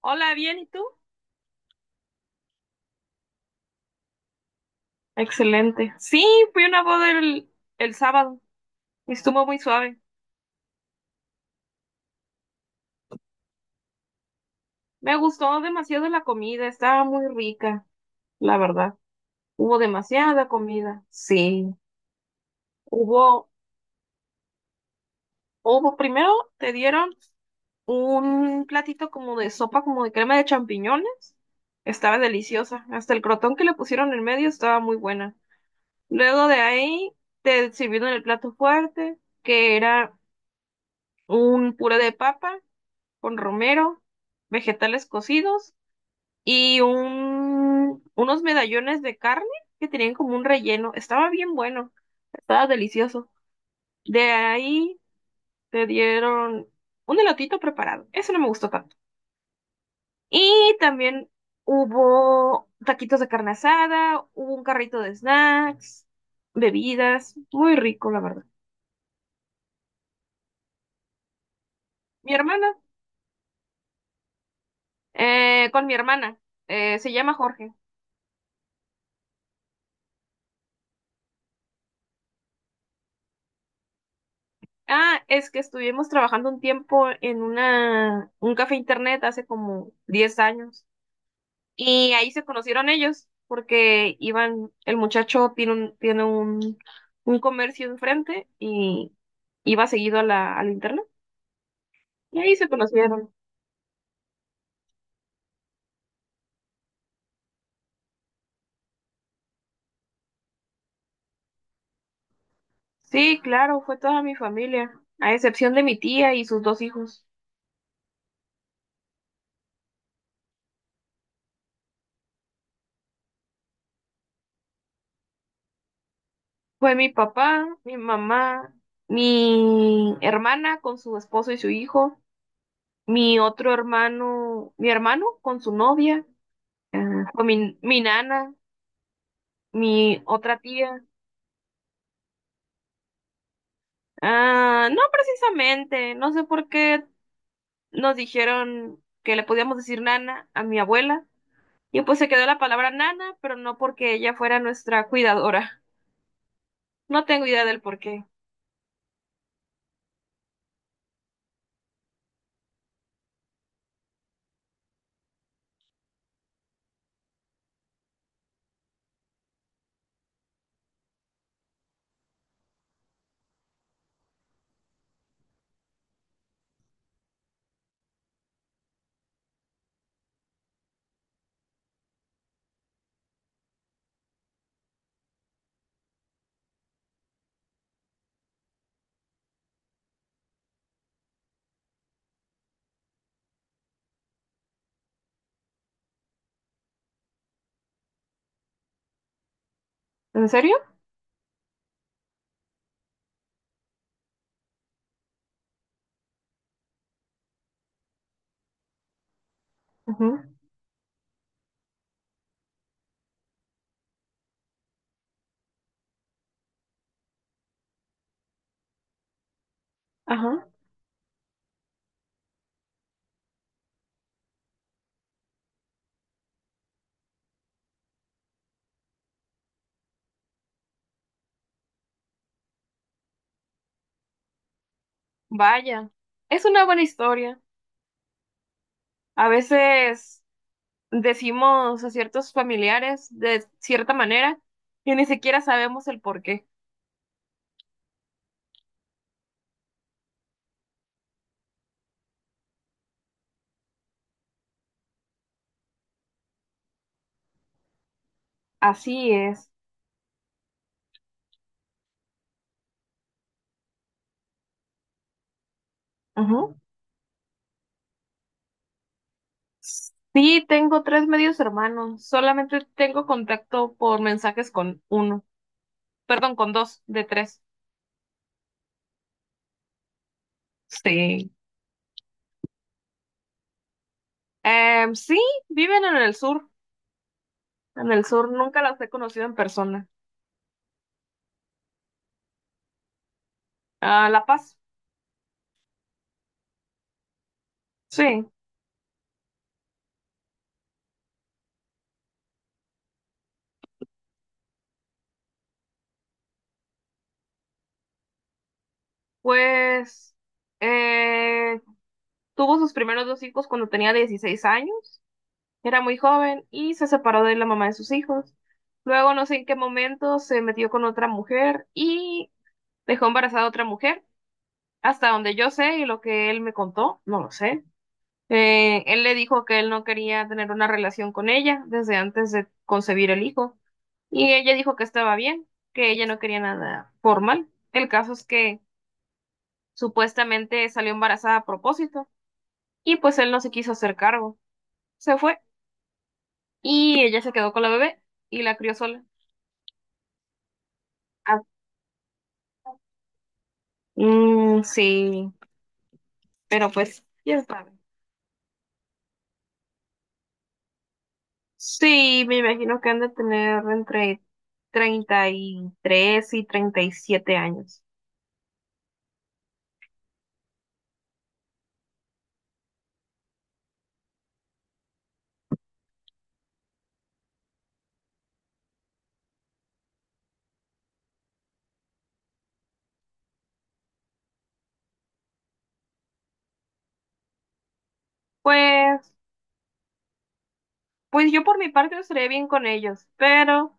Hola, bien, ¿y tú? Excelente. Sí, fui a una boda el sábado y estuvo muy suave. Me gustó demasiado la comida, estaba muy rica, la verdad. Hubo demasiada comida. Sí, hubo, hubo, primero te dieron un platito como de sopa, como de crema de champiñones. Estaba deliciosa. Hasta el crotón que le pusieron en medio estaba muy buena. Luego de ahí te sirvieron el plato fuerte, que era un puré de papa con romero, vegetales cocidos y unos medallones de carne que tenían como un relleno. Estaba bien bueno, estaba delicioso. De ahí te dieron un elotito preparado. Eso no me gustó tanto. Y también hubo taquitos de carne asada, hubo un carrito de snacks, bebidas. Muy rico, la verdad. Mi hermana, con mi hermana, se llama Jorge. Ah, es que estuvimos trabajando un tiempo en un café internet hace como 10 años y ahí se conocieron ellos porque iban, el muchacho tiene un comercio enfrente y iba seguido a la, al internet y ahí se conocieron. Sí, claro, fue toda mi familia, a excepción de mi tía y sus dos hijos. Fue mi papá, mi mamá, mi hermana con su esposo y su hijo. Mi otro hermano, mi hermano con su novia, ah, con mi nana, mi otra tía. Ah, no precisamente, no sé por qué nos dijeron que le podíamos decir nana a mi abuela. Y pues se quedó la palabra nana, pero no porque ella fuera nuestra cuidadora. No tengo idea del por qué. ¿En serio? Ujú. Ajá. Vaya. Es una buena historia. A veces, decimos a ciertos familiares de cierta manera y ni siquiera sabemos el por qué. Así es. Ujú. Sí, tengo tres medios hermanos. Solamente tengo contacto por mensajes con uno. Perdón, con dos de tres. Sí. Sí, viven en el sur. En el sur nunca las he conocido en persona. Ah, La Paz. Sí. Pues, eh, tuvo sus primeros dos hijos cuando tenía 16 años. Era muy joven y se separó de la mamá de sus hijos. Luego, no sé en qué momento, se metió con otra mujer y dejó embarazada a otra mujer. Hasta donde yo sé y lo que él me contó, no lo sé. Él le dijo que él no quería tener una relación con ella desde antes de concebir el hijo. Y ella dijo que estaba bien, que ella no quería nada formal. El caso es que supuestamente salió embarazada a propósito y pues él no se quiso hacer cargo. Se fue y ella se quedó con la bebé y la crió sola. Mm, sí, pero pues, ya está. Sí, me imagino que han de tener entre 33 y 37 años. Pues, pues, yo por mi parte estaré bien con ellos, pero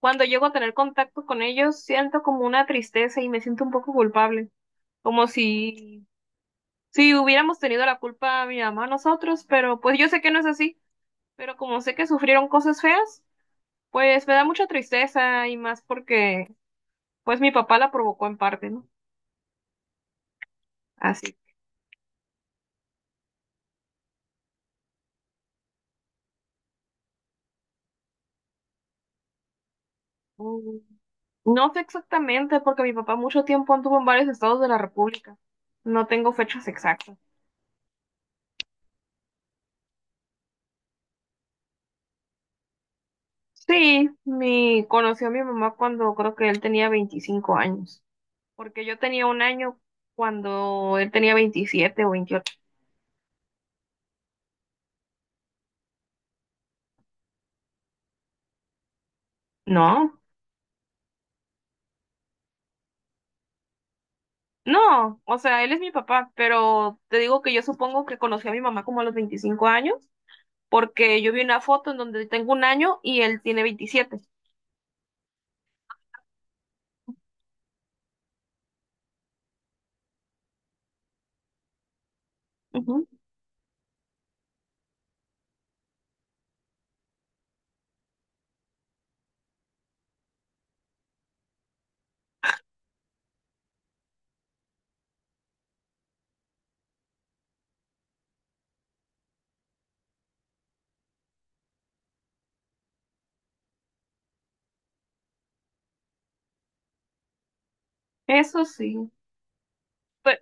cuando llego a tener contacto con ellos siento como una tristeza y me siento un poco culpable, como si hubiéramos tenido la culpa mi mamá, nosotros, pero pues yo sé que no es así, pero como sé que sufrieron cosas feas, pues me da mucha tristeza y más porque pues mi papá la provocó en parte, ¿no? Así. mm, No sé exactamente, porque mi papá mucho tiempo anduvo en varios estados de la República. No tengo fechas exactas. Sí, conoció a mi mamá cuando creo que él tenía 25 años, porque yo tenía 1 año cuando él tenía 27 o 28. No, no, o sea, él es mi papá, pero te digo que yo supongo que conocí a mi mamá como a los 25 años, porque yo vi una foto en donde tengo 1 año y él tiene 27. Ujú. Eso sí. Pe-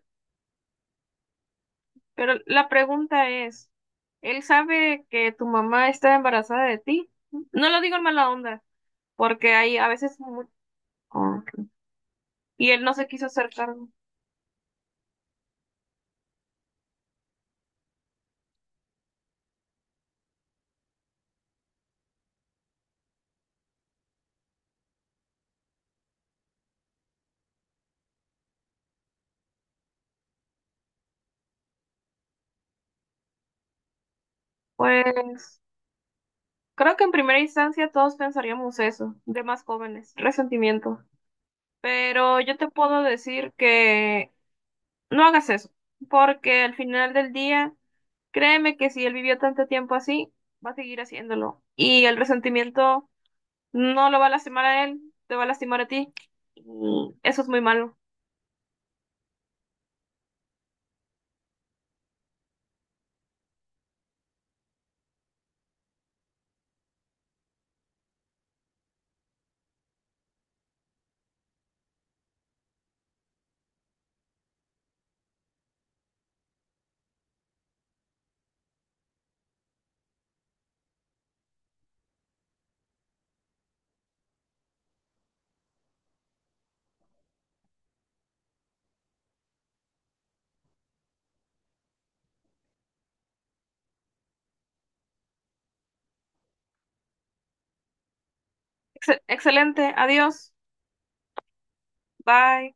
Pero, la pregunta es, ¿él sabe que tu mamá está embarazada de ti? No lo digo en mala onda, porque hay a veces. Oh, ok. Y él no se quiso hacer cargo. Pues creo que en primera instancia todos pensaríamos eso, de más jóvenes, resentimiento. Pero yo te puedo decir que no hagas eso, porque al final del día, créeme que si él vivió tanto tiempo así, va a seguir haciéndolo. Y el resentimiento. No lo va a lastimar a él, te va a lastimar a ti. Mm, eso es muy malo. Excelente, adiós, bye.